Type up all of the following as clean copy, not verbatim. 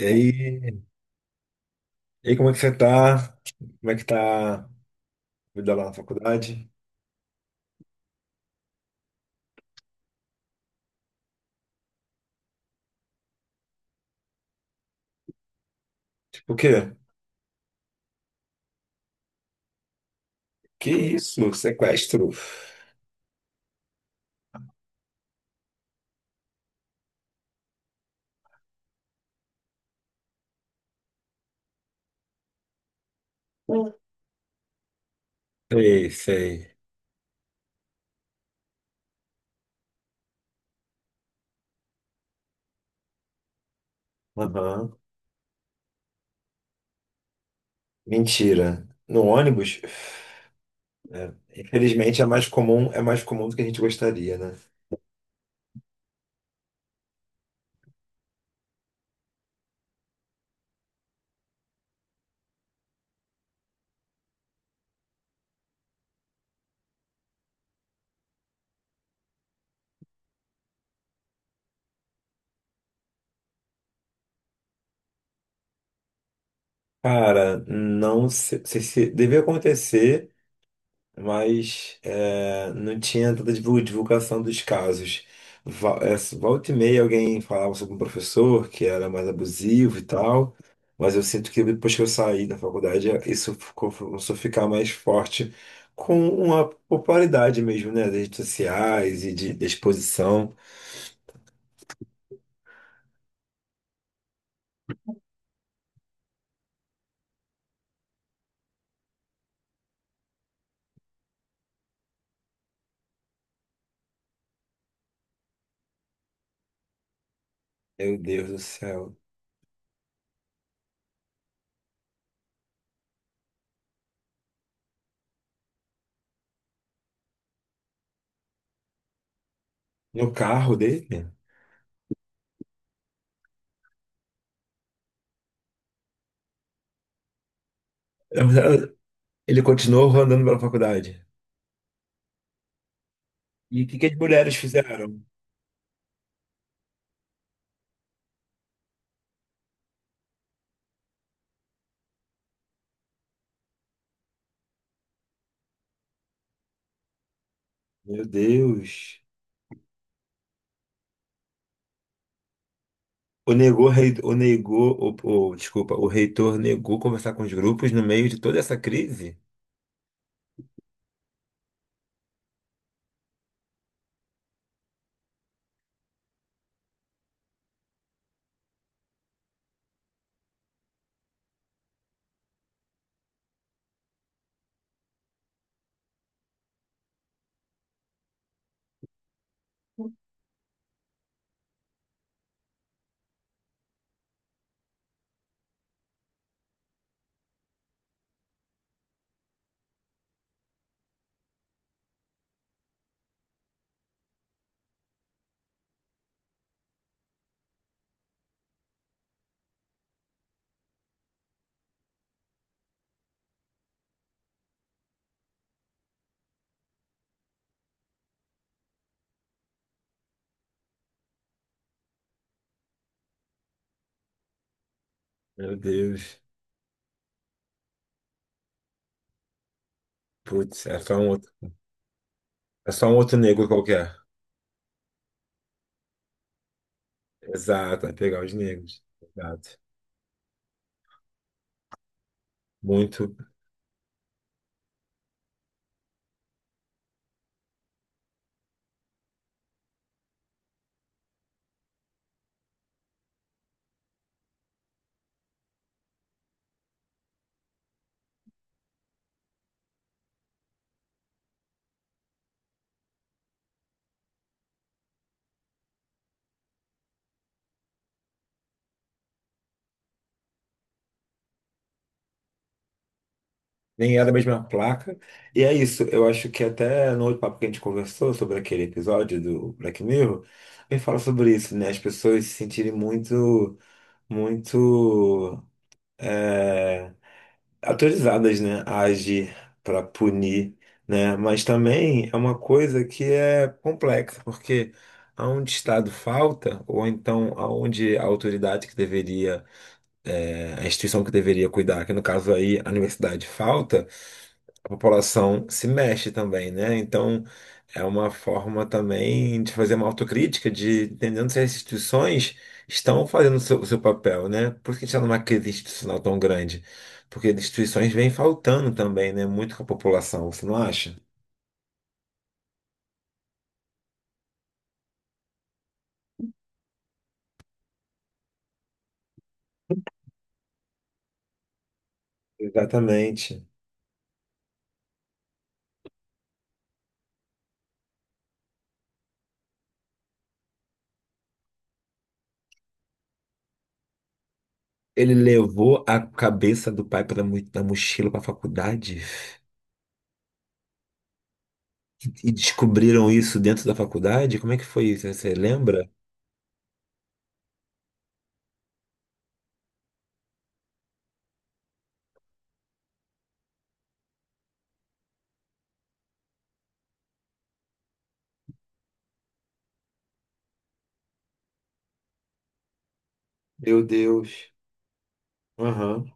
E aí, como é que você tá? Como é que tá a vida lá na faculdade? Tipo, o quê? Que isso? Sequestro? Sei, sei. Aham. Mentira. No ônibus, infelizmente, é mais comum do que a gente gostaria, né? Cara, não sei, deve acontecer. Mas é, não tinha tanta divulgação dos casos. Volta e meia alguém falava sobre um professor que era mais abusivo e tal, mas eu sinto que depois que eu saí da faculdade, isso começou a ficar mais forte com uma popularidade mesmo, né, das redes sociais da exposição. Meu Deus do céu. No carro dele, ele continuou andando pela faculdade. E o que que as mulheres fizeram? Meu Deus. O negou, rei- o negou, o- Desculpa, o reitor negou conversar com os grupos no meio de toda essa crise? Meu Deus. Putz, é só um outro, é só um outro negro qualquer. Exato, vai pegar os negros. Exato. Muito. Nem era a mesma placa. E é isso. Eu acho que até no outro papo que a gente conversou sobre aquele episódio do Black Mirror, ele fala sobre isso, né? As pessoas se sentirem muito. muito é, Autorizadas, né, a agir para punir, né? Mas também é uma coisa que é complexa, porque aonde Estado falta, ou então aonde a autoridade que deveria, a instituição que deveria cuidar, que no caso aí a universidade falta, a população se mexe também, né? Então, é uma forma também de fazer uma autocrítica, de entendendo se as instituições estão fazendo o seu papel, né? Por isso que a gente está numa crise institucional tão grande? Porque as instituições vêm faltando também, né? Muito com a população, você não acha? Exatamente. Ele levou a cabeça do pai para da mochila para a faculdade e descobriram isso dentro da faculdade? Como é que foi isso? Você lembra? Meu Deus. Aham.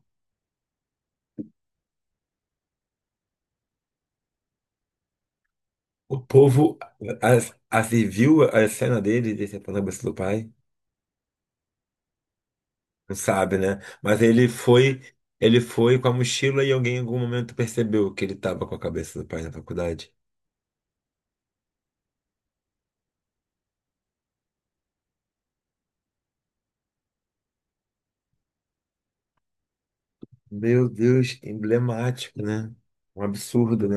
O povo e viu a cena dele de decepando a cabeça do pai? Não sabe, né? Mas ele foi com a mochila e alguém em algum momento percebeu que ele estava com a cabeça do pai na faculdade. Meu Deus, emblemático, né? Um absurdo, né?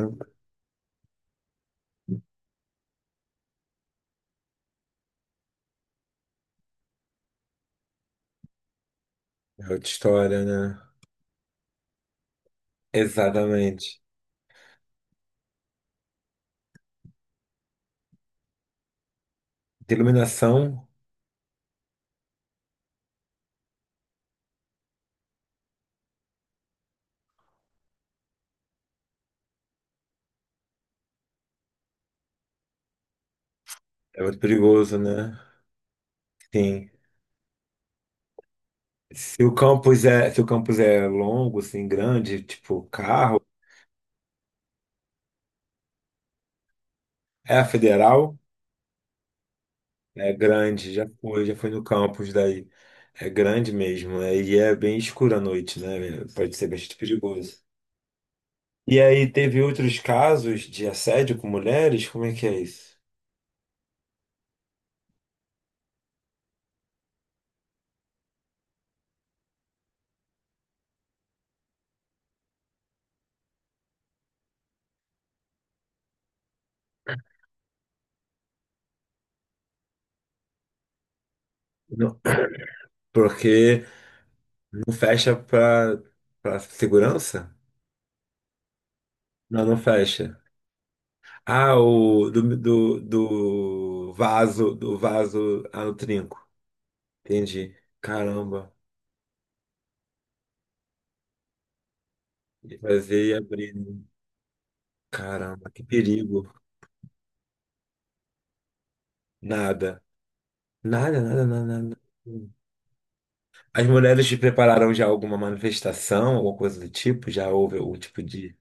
É outra história, né? Exatamente. De iluminação é muito perigoso, né? Sim. Se o campus é longo, assim, grande, tipo carro, é a federal. É grande, já foi no campus daí. É grande mesmo, né? E é bem escuro à noite, né? Pode ser bastante perigoso. E aí teve outros casos de assédio com mulheres? Como é que é isso? Não, porque não fecha para para segurança? Não, não fecha. Ah, do vaso, ah, no trinco. Entendi. Caramba. E fazer e abrir, né? Caramba, que perigo. Nada. Nada, nada, nada, nada. As mulheres te prepararam já alguma manifestação, alguma coisa do tipo? Já houve algum tipo de.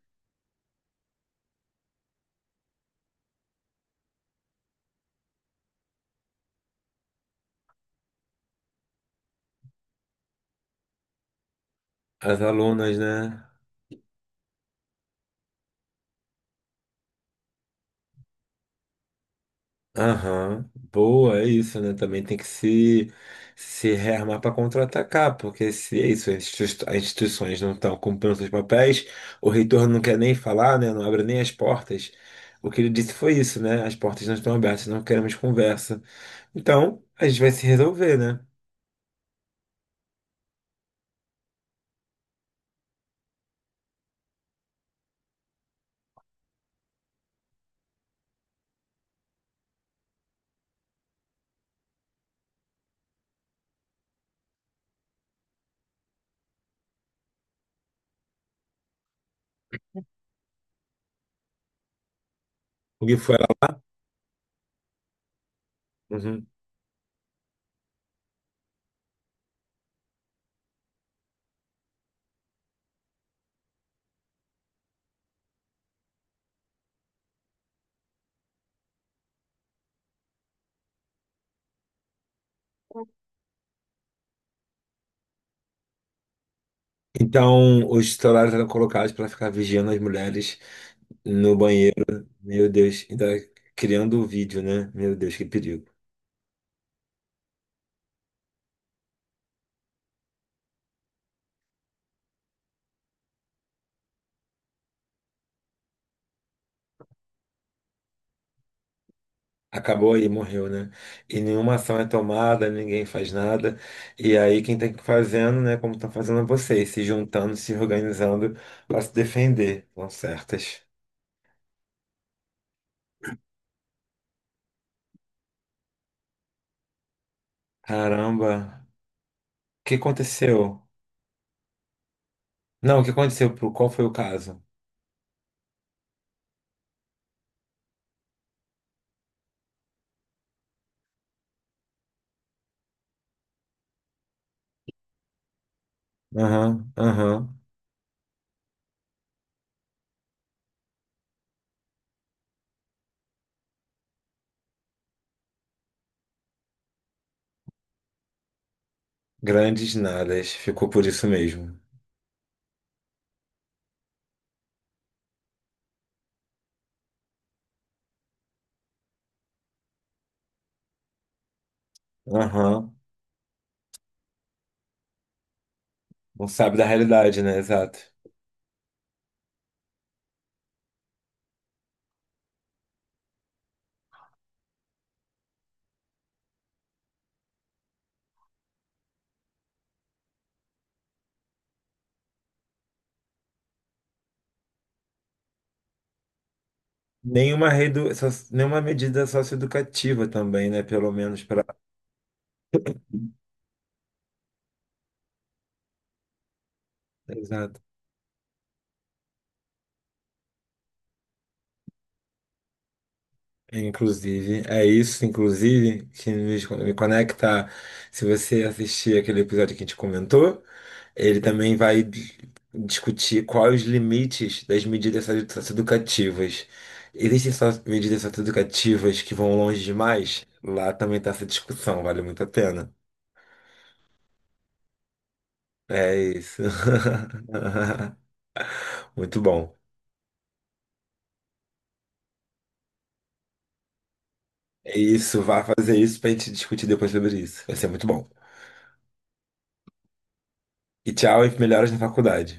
As alunas, né? Aham. Boa, é isso, né? Também tem que se rearmar para contra-atacar, porque se é isso, as instituições não estão cumprindo seus papéis, o reitor não quer nem falar, né? Não abre nem as portas. O que ele disse foi isso, né? As portas não estão abertas, não queremos conversa. Então, a gente vai se resolver, né? O que foi lá? Uhum. Então, os celulares eram colocados para ficar vigiando as mulheres no banheiro. Meu Deus, ainda criando o vídeo, né? Meu Deus, que perigo. Acabou aí, morreu, né? E nenhuma ação é tomada, ninguém faz nada. E aí, quem tem que ir fazendo, né? Como estão fazendo é vocês, se juntando, se organizando para se defender. Estão certas. Caramba, o que aconteceu? Não, o que aconteceu? Qual foi o caso? Aham, aham. Grandes nadas. Ficou por isso mesmo. Aham. Não sabe da realidade, né? Exato. Nenhuma redu... so- Nenhuma medida socioeducativa também, né? Pelo menos para. Exato. Inclusive, é isso, inclusive, que me conecta. Se você assistir aquele episódio que a gente comentou, ele também vai discutir quais os limites das socioeducativas. Existem só medidas socioeducativas que vão longe demais? Lá também está essa discussão, vale muito a pena. É isso. Muito bom. É isso, vá fazer isso pra gente discutir depois sobre isso. Vai ser muito bom. E tchau e melhoras na faculdade.